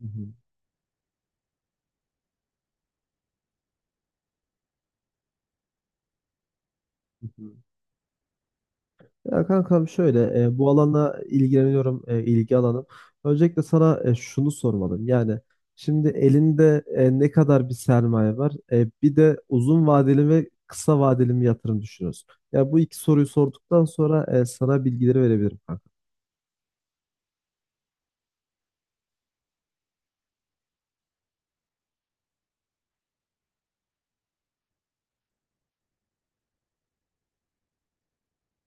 Hı hı, hı hı. Ya kankam şöyle bu alana ilgileniyorum ilgi alanım. Öncelikle sana şunu sormalım. Yani şimdi elinde ne kadar bir sermaye var? Bir de uzun vadeli ve kısa vadeli mi yatırım düşünüyorsun? Ya bu iki soruyu sorduktan sonra sana bilgileri verebilirim kanka.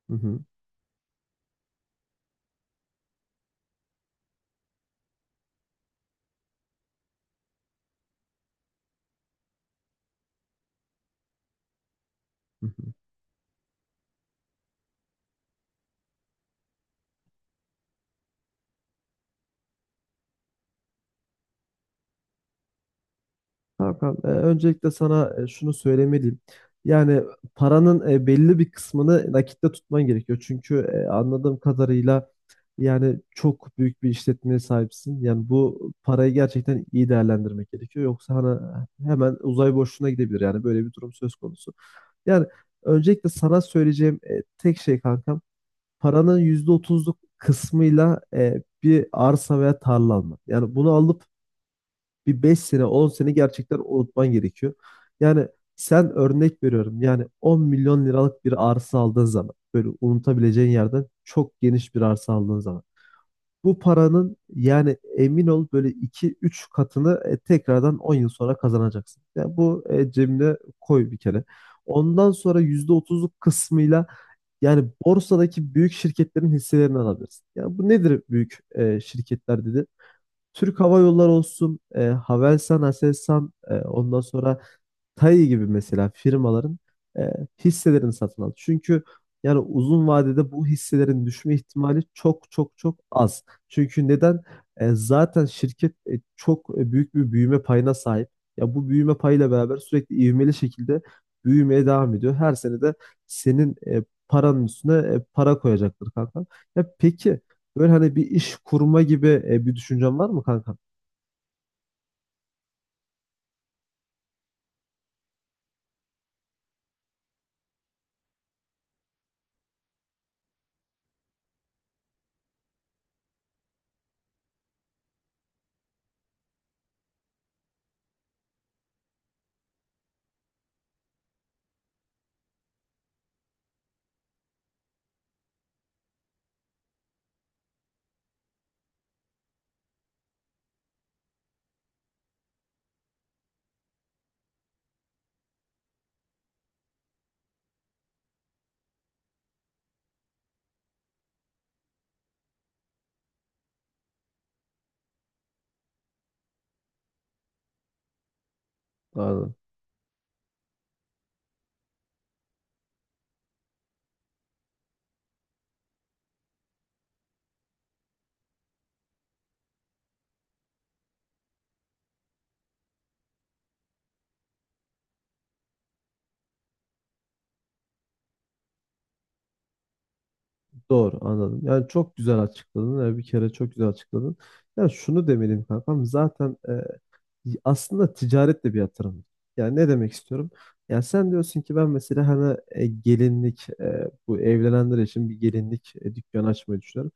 Hı hı, hı hı. Hakan, öncelikle sana şunu söylemeliyim. Yani paranın belli bir kısmını nakitte tutman gerekiyor. Çünkü anladığım kadarıyla yani çok büyük bir işletmeye sahipsin. Yani bu parayı gerçekten iyi değerlendirmek gerekiyor. Yoksa hani hemen uzay boşluğuna gidebilir. Yani böyle bir durum söz konusu. Yani öncelikle sana söyleyeceğim tek şey kankam, paranın %30'luk kısmıyla bir arsa veya tarla almak. Yani bunu alıp bir 5 sene 10 sene gerçekten unutman gerekiyor. Yani sen örnek veriyorum yani 10 milyon liralık bir arsa aldığın zaman böyle unutabileceğin yerden çok geniş bir arsa aldığın zaman bu paranın yani emin ol böyle iki üç katını tekrardan 10 yıl sonra kazanacaksın. Yani bu cebine koy bir kere. Ondan sonra %30'luk kısmıyla yani borsadaki büyük şirketlerin hisselerini alabilirsin. Yani bu nedir büyük şirketler dedi? Türk Hava Yolları olsun, Havelsan, Aselsan, ondan sonra Tayy gibi mesela firmaların e, hisselerini satın al. Çünkü yani uzun vadede bu hisselerin düşme ihtimali çok çok çok az. Çünkü neden? Zaten şirket çok büyük bir büyüme payına sahip. Ya bu büyüme payıyla beraber sürekli ivmeli şekilde büyümeye devam ediyor. Her sene de senin paranın üstüne para koyacaktır kanka. Ya peki böyle hani bir iş kurma gibi bir düşüncen var mı kanka? Aynen. Doğru anladım. Yani çok güzel açıkladın. Yani bir kere çok güzel açıkladın. Yani şunu demeliyim kankam. Zaten aslında ticaret de bir yatırım. Yani ne demek istiyorum? Yani sen diyorsun ki ben mesela hani gelinlik bu evlenenler için bir gelinlik dükkanı açmayı düşünüyorum.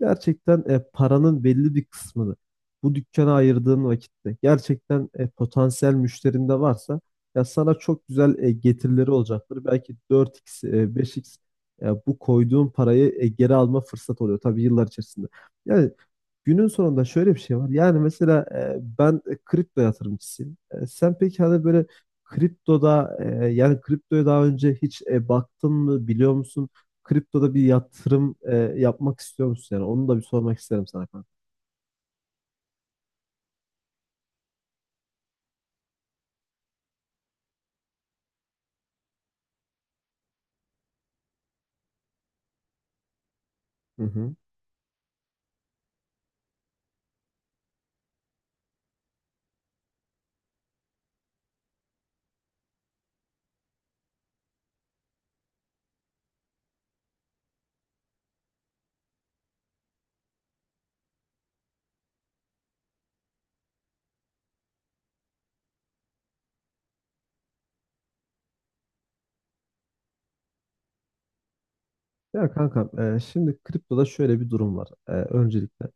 Gerçekten paranın belli bir kısmını bu dükkana ayırdığın vakitte gerçekten potansiyel müşterin de varsa ya sana çok güzel getirileri olacaktır. Belki 4x, 5x bu koyduğun parayı geri alma fırsatı oluyor tabii yıllar içerisinde. Yani günün sonunda şöyle bir şey var. Yani mesela ben kripto yatırımcısıyım. Sen peki hani böyle kriptoda yani kriptoya daha önce hiç baktın mı biliyor musun? Kriptoda bir yatırım yapmak istiyor musun yani? Onu da bir sormak isterim sana kanka. Hı hı. Ya kankam şimdi kriptoda şöyle bir durum var öncelikle.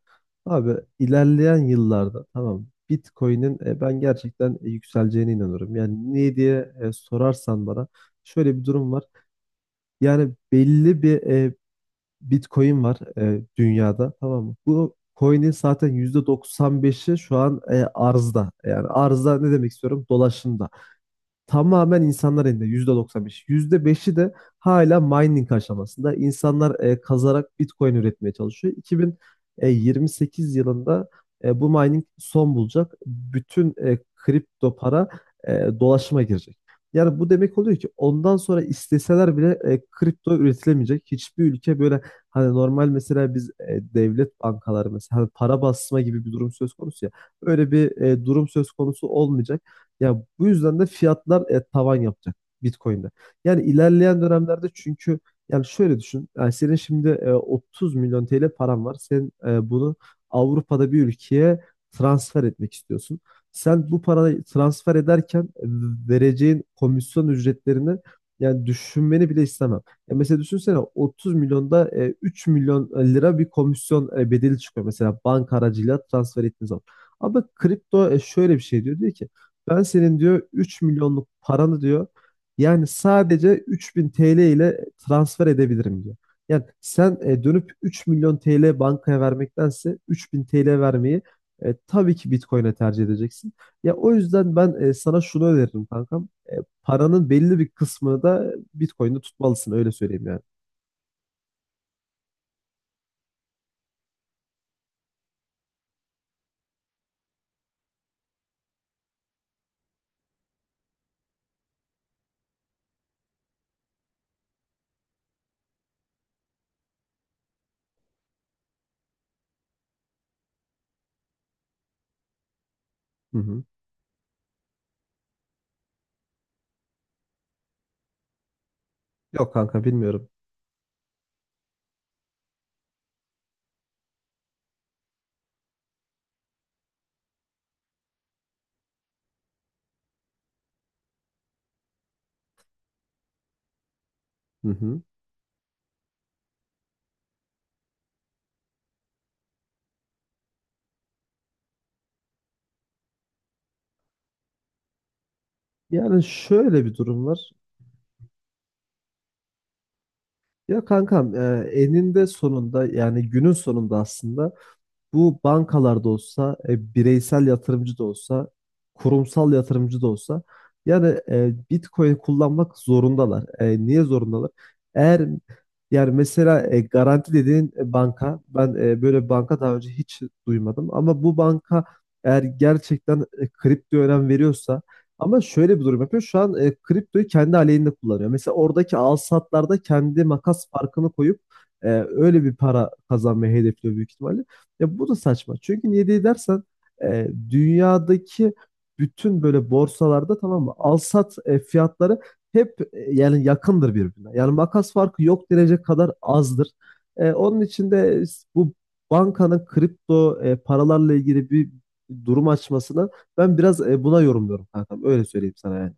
Abi ilerleyen yıllarda tamam mı, Bitcoin'in ben gerçekten yükseleceğine inanıyorum. Yani niye diye sorarsan bana şöyle bir durum var. Yani belli bir Bitcoin var dünyada tamam mı? Bu coin'in zaten %95'i şu an arzda. Yani arzda ne demek istiyorum? Dolaşımda. Tamamen insanlar elinde %95. %5'i de hala mining aşamasında. İnsanlar kazarak Bitcoin üretmeye çalışıyor. 2028 yılında bu mining son bulacak. Bütün kripto para dolaşıma girecek. Yani bu demek oluyor ki ondan sonra isteseler bile kripto üretilemeyecek. Hiçbir ülke böyle hani normal mesela biz devlet bankaları mesela hani para basma gibi bir durum söz konusu ya. Öyle bir durum söz konusu olmayacak. Ya bu yüzden de fiyatlar tavan yapacak Bitcoin'de. Yani ilerleyen dönemlerde çünkü yani şöyle düşün. Yani senin şimdi 30 milyon TL paran var. Sen bunu Avrupa'da bir ülkeye transfer etmek istiyorsun. Sen bu parayı transfer ederken vereceğin komisyon ücretlerini yani düşünmeni bile istemem. Ya mesela düşünsene 30 milyonda 3 milyon lira bir komisyon bedeli çıkıyor mesela banka aracıyla transfer ettiğiniz zaman. Ama kripto şöyle bir şey diyor. Diyor ki ben senin diyor 3 milyonluk paranı diyor yani sadece 3.000 TL ile transfer edebilirim diyor. Yani sen dönüp 3 milyon TL bankaya vermektense 3.000 TL vermeyi tabii ki Bitcoin'e tercih edeceksin. Ya o yüzden ben sana şunu öneririm kankam. Paranın belli bir kısmını da Bitcoin'de tutmalısın öyle söyleyeyim yani. Hı hı. Yok kanka bilmiyorum. Hı hı. Yani şöyle bir durum var. Ya kankam eninde sonunda yani günün sonunda aslında bu bankalarda olsa, bireysel yatırımcı da olsa, kurumsal yatırımcı da olsa yani Bitcoin kullanmak zorundalar. Niye zorundalar? Eğer yani mesela Garanti dediğin banka, ben böyle bir banka daha önce hiç duymadım ama bu banka eğer gerçekten kriptoya önem veriyorsa ama şöyle bir durum yapıyor. Şu an kriptoyu kendi aleyhinde kullanıyor. Mesela oradaki al satlarda kendi makas farkını koyup öyle bir para kazanmayı hedefliyor büyük ihtimalle. Ya bu da saçma. Çünkü niye diye dersen dünyadaki bütün böyle borsalarda tamam mı? Alsat fiyatları hep yani yakındır birbirine. Yani makas farkı yok denecek kadar azdır. Onun için de bu bankanın kripto paralarla ilgili bir durum açmasını ben biraz buna yorumluyorum kankam. Öyle söyleyeyim sana yani.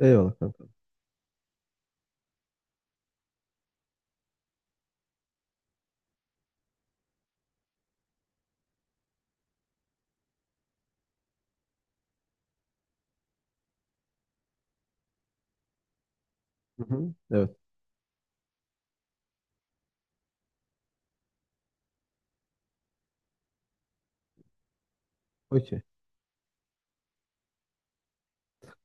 Eyvallah kanka. Hı hı. Evet. Okey.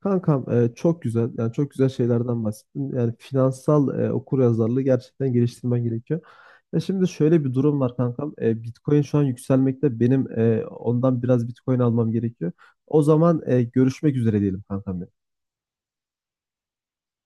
Kankam çok güzel yani çok güzel şeylerden bahsettin. Yani finansal okuryazarlığı gerçekten geliştirmen gerekiyor. Ya şimdi şöyle bir durum var kankam. Bitcoin şu an yükselmekte. Benim ondan biraz Bitcoin almam gerekiyor. O zaman görüşmek üzere diyelim kankam.